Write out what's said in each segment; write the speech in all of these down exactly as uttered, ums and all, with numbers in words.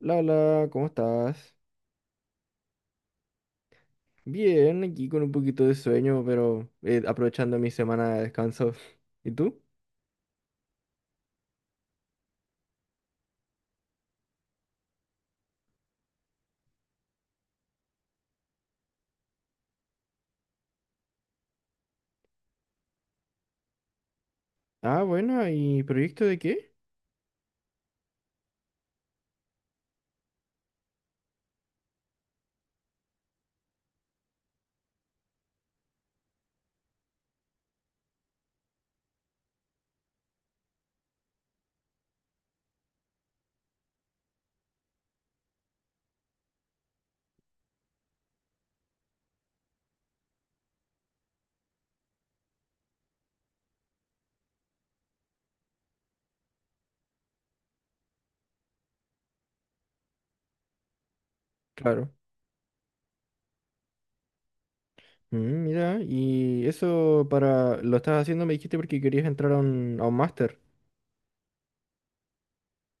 Lala, ¿cómo estás? Bien, aquí con un poquito de sueño, pero eh, aprovechando mi semana de descanso. ¿Y tú? Ah, bueno, ¿y proyecto de qué? Claro. Mm, mira, y eso para... Lo estás haciendo, me dijiste, porque querías entrar a un, a un máster.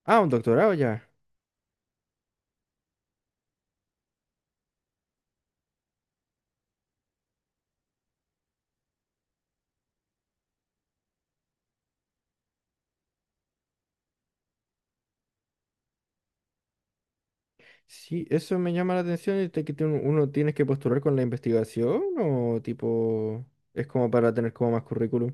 Ah, un doctorado ya. Sí, eso me llama la atención, este, que tiene- uno tienes que postular con la investigación o tipo... Es como para tener como más currículum.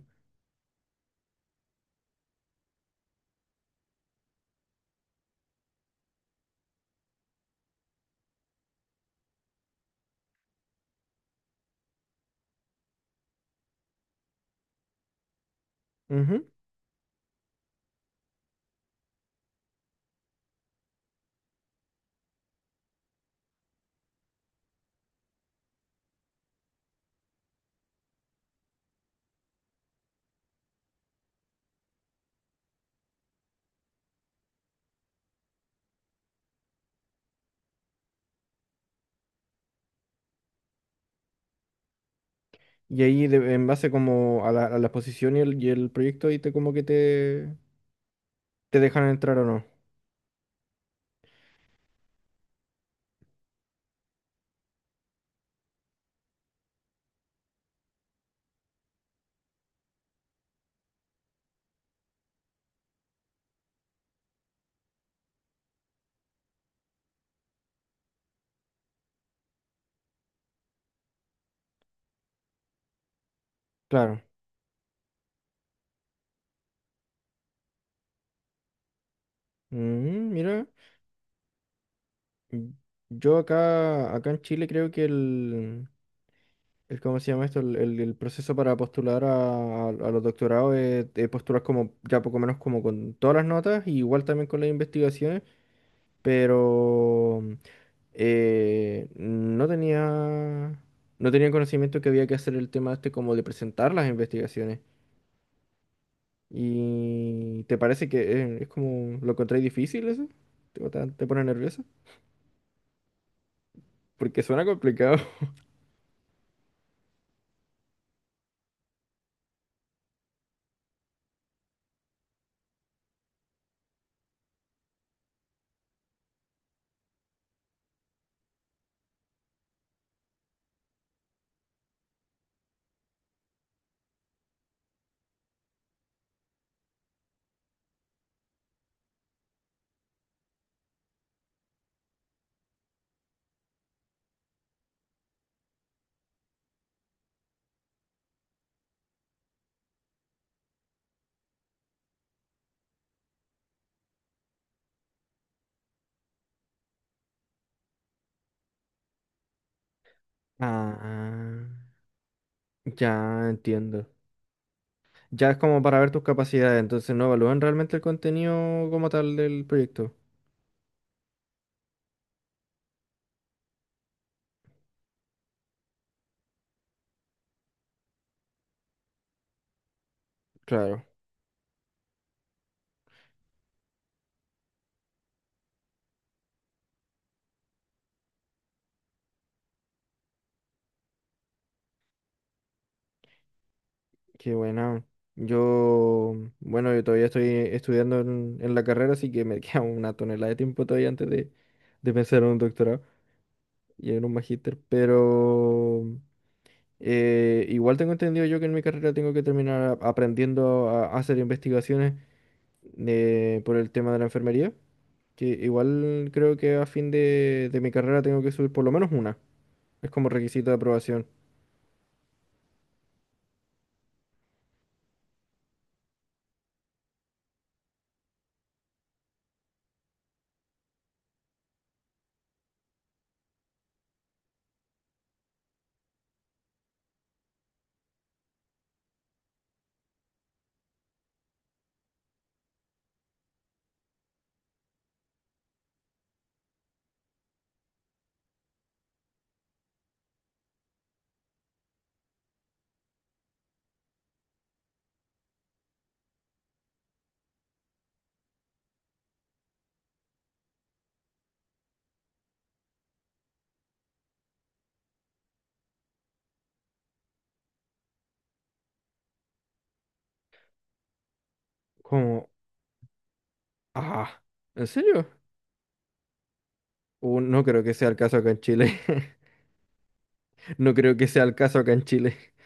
Y ahí de- en base como a la, a la exposición y el, y el proyecto ahí te como que te, te dejan entrar o no. Claro. Mm, mira, mm, yo acá, acá en Chile creo que el, el ¿cómo se llama esto? El, el- el proceso para postular a, a los doctorados es, es postular como ya poco menos como con todas las notas, y igual también con las investigaciones, pero eh, no tenía, no tenía conocimiento que había que hacer el tema este como de presentar las investigaciones. ¿Y te parece que eh, es como lo encontré difícil eso? ¿Te, te- te pone nervioso? Porque suena complicado. Ah, ya entiendo. Ya es como para ver tus capacidades, entonces no evalúan realmente el contenido como tal del proyecto. Claro, qué buena. Yo, bueno, yo todavía estoy estudiando en, en la carrera, así que me queda una tonelada de tiempo todavía antes de, de pensar en un doctorado y en un magíster, pero... Eh, igual tengo entendido yo que en mi carrera tengo que terminar a- aprendiendo a hacer investigaciones eh, por el tema de la enfermería, que igual creo que a fin de, de mi carrera tengo que subir por lo menos una. Es como requisito de aprobación. Como, ah, ¿en serio? Uh, no creo que sea el caso acá en Chile. No creo que sea el caso acá en Chile.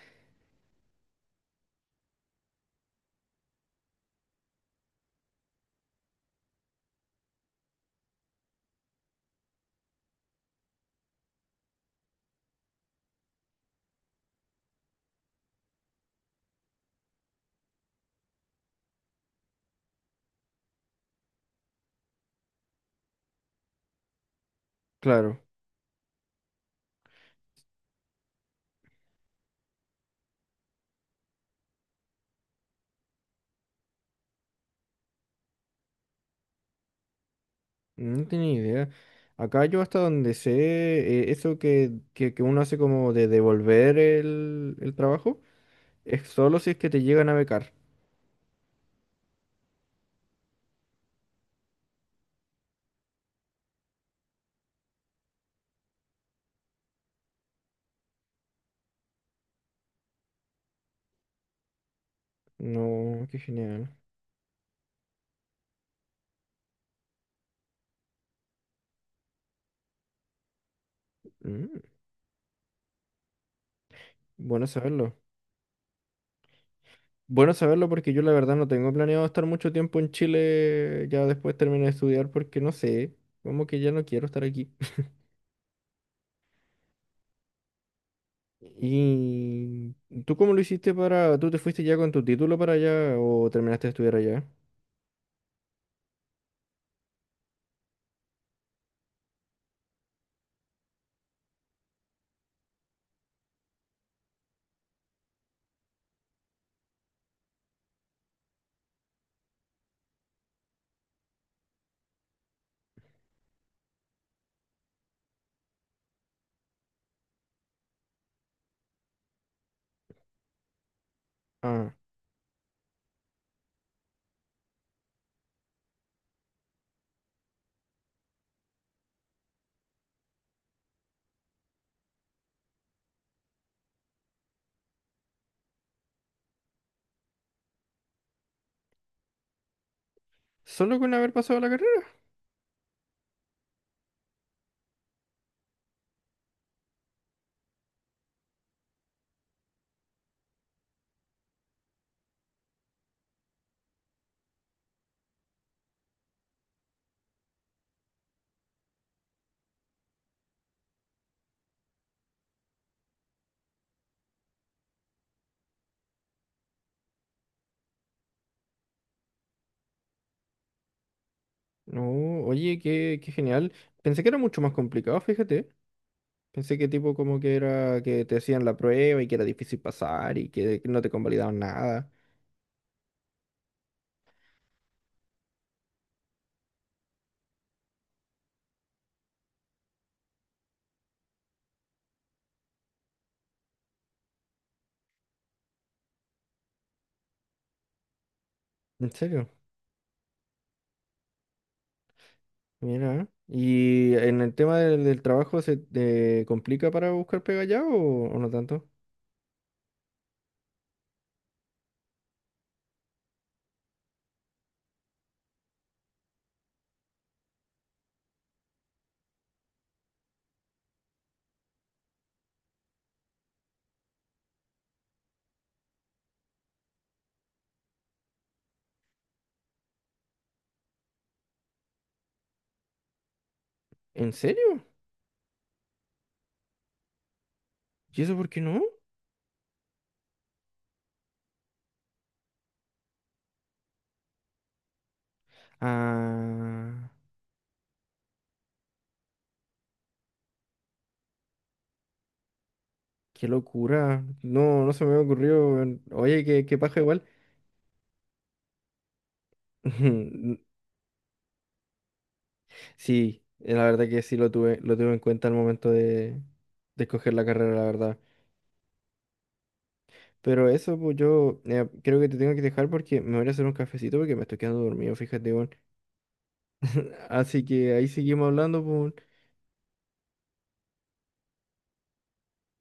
Claro, no tenía idea. Acá yo hasta donde sé, eh, eso que, que, que uno hace como de devolver el, el trabajo. Es solo si es que te llegan a becar. No, qué genial. Mm, bueno saberlo. Bueno saberlo porque yo la verdad no tengo planeado estar mucho tiempo en Chile ya después terminé de estudiar porque no sé, como que ya no quiero estar aquí. ¿Y tú cómo lo hiciste para... ¿Tú te fuiste ya con tu título para allá o terminaste de estudiar allá? Ah, solo con haber pasado la carrera. No, oye, qué, qué genial. Pensé que era mucho más complicado, fíjate. Pensé que tipo como que era que te hacían la prueba y que era difícil pasar y que no te convalidaban nada. ¿En serio? Mira. ¿Eh? ¿Y en el tema del, del trabajo se te complica para buscar pega ya o, o no tanto? ¿En serio? ¿Y eso por qué no? Ah, qué locura. No, no se me había ocurrido. en- Oye, qué, qué paja igual. Sí, la verdad que sí lo tuve, lo tuve en cuenta al momento de, de escoger la carrera, la verdad. Pero eso, pues yo eh, creo que te tengo que dejar porque me voy a hacer un cafecito porque me estoy quedando dormido, fíjate, weón. Así que ahí seguimos hablando, pues.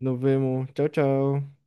Nos vemos. Chao, chao.